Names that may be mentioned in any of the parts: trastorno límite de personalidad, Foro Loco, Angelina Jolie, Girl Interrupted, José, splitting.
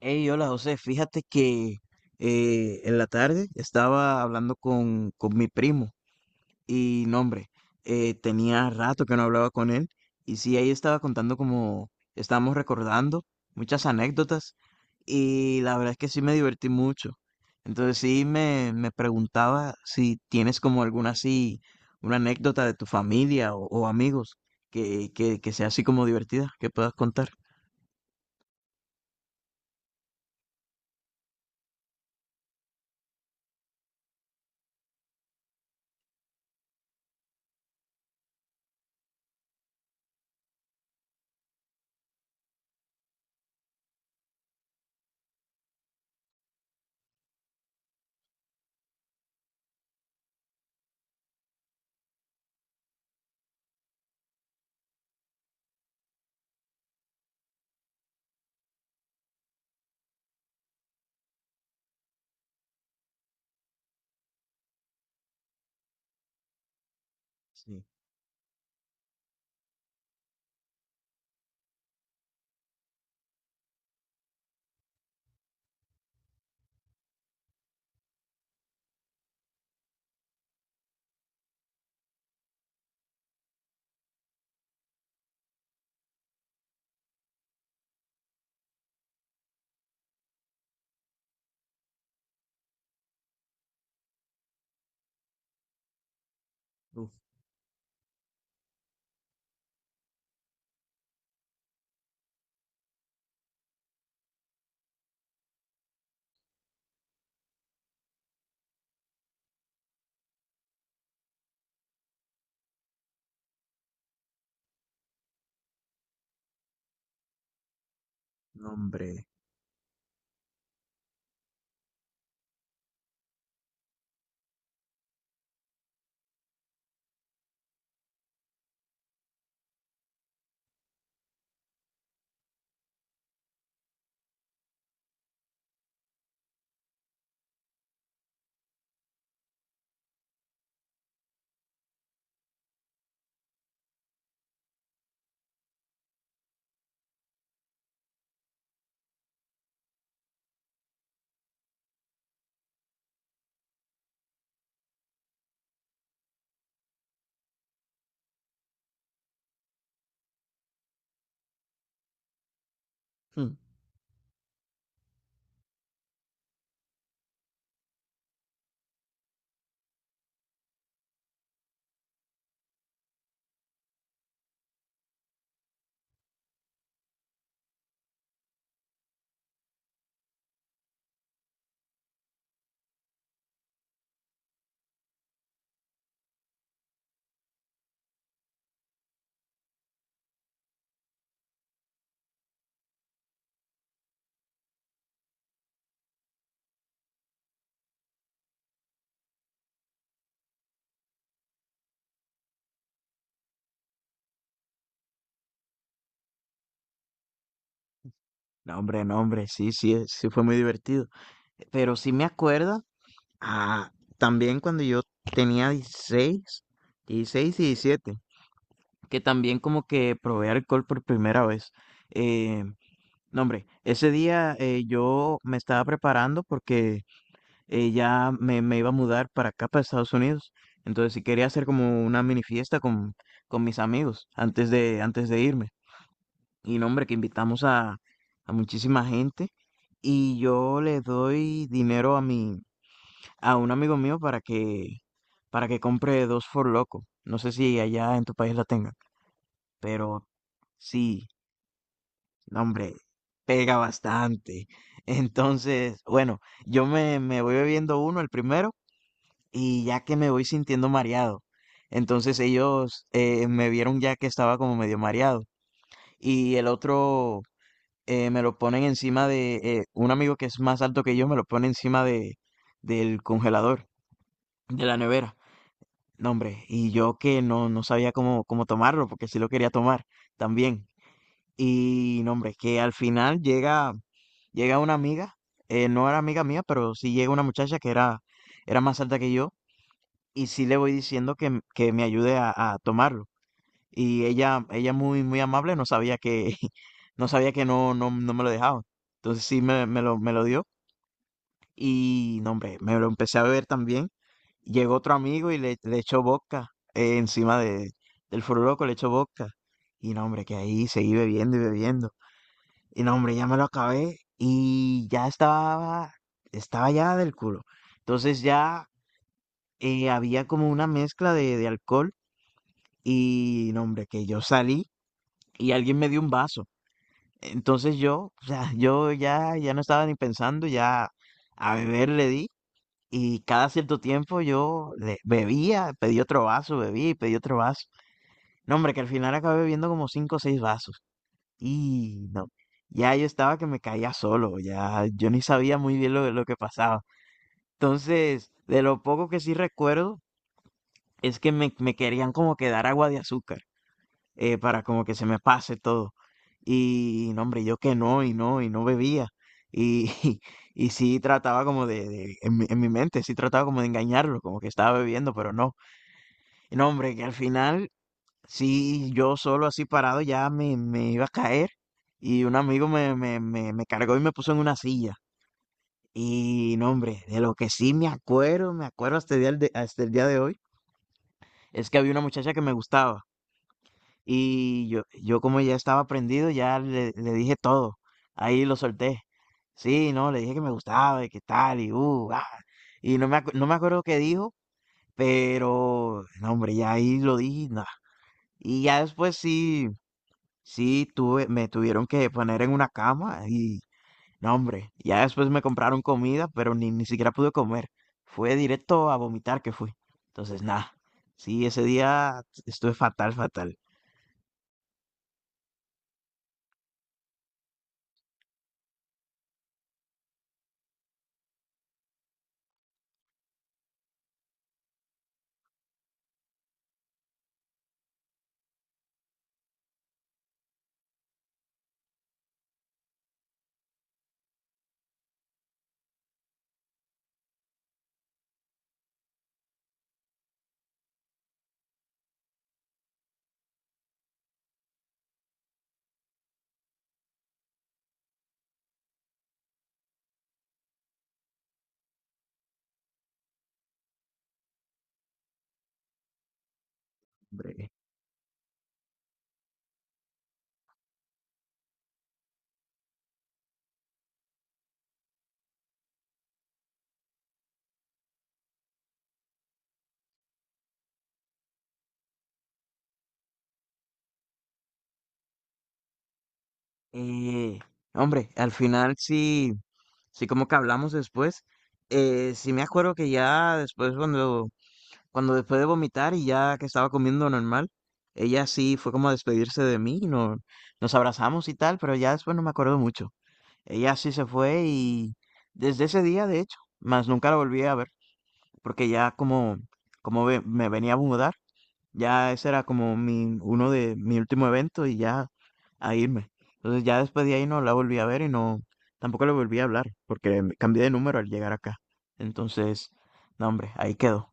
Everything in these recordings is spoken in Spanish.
Hey, hola José, fíjate que en la tarde estaba hablando con mi primo y no, hombre, tenía rato que no hablaba con él y sí, ahí estaba contando como estábamos recordando muchas anécdotas y la verdad es que sí me divertí mucho. Entonces sí me preguntaba si tienes como alguna así, una anécdota de tu familia o amigos que sea así como divertida, que puedas contar. Sí, uf, no, hombre. No, hombre, no, hombre, sí, sí, sí fue muy divertido. Pero sí me acuerdo, ah, también cuando yo tenía dieciséis y 17 que también como que probé alcohol por primera vez. Eh, no, hombre, ese día yo me estaba preparando porque ya me iba a mudar para acá, para Estados Unidos. Entonces sí quería hacer como una mini fiesta con mis amigos antes de irme. Y no, hombre, que invitamos a muchísima gente. Y yo le doy dinero a un amigo mío para que compre dos For Loco. No sé si allá en tu país la tengan, pero sí, no, hombre, pega bastante. Entonces, bueno, yo me voy bebiendo uno, el primero, y ya que me voy sintiendo mareado. Entonces ellos me vieron ya que estaba como medio mareado. Y el otro me lo ponen encima de un amigo que es más alto que yo, me lo pone encima de del congelador, de la nevera. No, hombre, y yo que no sabía cómo tomarlo, porque sí lo quería tomar también. Y no, hombre, que al final llega una amiga, no era amiga mía, pero sí llega una muchacha que era más alta que yo, y sí le voy diciendo que me ayude a tomarlo. Y ella muy, muy amable, no sabía que, no sabía que no, no, no me lo dejaba. Entonces sí me lo dio. Y no, hombre, me lo empecé a beber también. Llegó otro amigo y le echó vodka encima del Foro Loco, le echó vodka. Y no, hombre, que ahí seguí bebiendo y bebiendo. Y no, hombre, ya me lo acabé y ya estaba ya del culo. Entonces ya había como una mezcla de alcohol y no, hombre, que yo salí y alguien me dio un vaso. Entonces yo, o sea, yo ya no estaba ni pensando, ya a beber le di y cada cierto tiempo bebía, pedí otro vaso, bebía y pedí otro vaso. No, hombre, que al final acabé bebiendo como cinco o seis vasos. Y no, ya yo estaba que me caía solo, ya yo ni sabía muy bien lo que pasaba. Entonces, de lo poco que sí recuerdo es que me querían como que dar agua de azúcar para como que se me pase todo. Y no, hombre, yo que no, y no bebía. Y, y, sí trataba como en mi mente, sí trataba como de engañarlo, como que estaba bebiendo, pero no. Y no, hombre, que al final, sí, yo solo así parado ya me iba a caer. Y un amigo me cargó y me puso en una silla. Y no, hombre, de lo que sí me acuerdo hasta el hasta el día de hoy, es que había una muchacha que me gustaba. Y yo como ya estaba prendido, ya le dije todo. Ahí lo solté. Sí, no, le dije que me gustaba y que tal, y ah. Y no no me acuerdo qué dijo, pero, no, hombre, ya ahí lo dije, y nada. Y ya después sí, sí, me tuvieron que poner en una cama y, no, hombre, ya después me compraron comida, pero ni siquiera pude comer. Fue directo a vomitar que fui. Entonces, nada, sí, ese día estuve fatal, fatal, hombre. Eh, hombre, al final sí, sí como que hablamos después. Sí me acuerdo que ya después cuando después de vomitar y ya que estaba comiendo normal, ella sí fue como a despedirse de mí, no, nos abrazamos y tal, pero ya después no me acuerdo mucho. Ella sí se fue y desde ese día, de hecho, más nunca la volví a ver, porque ya como me venía a mudar, ya ese era como mi, uno de mi último evento y ya a irme. Entonces ya después de ahí no la volví a ver y no, tampoco le volví a hablar, porque me cambié de número al llegar acá. Entonces, no hombre, ahí quedó.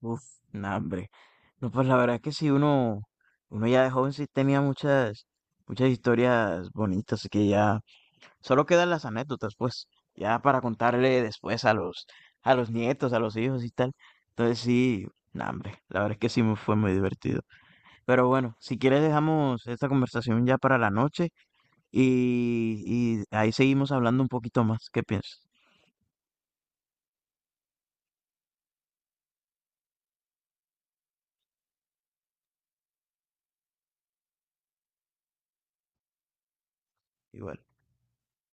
Uf, no hombre. No, pues la verdad es que sí, uno ya de joven sí tenía muchas, muchas historias bonitas, que ya solo quedan las anécdotas, pues, ya para contarle después a los, nietos, a los hijos y tal. Entonces sí, no hombre, la verdad es que sí me fue muy divertido. Pero bueno, si quieres dejamos esta conversación ya para la noche y, y ahí seguimos hablando un poquito más. ¿Qué piensas? Igual.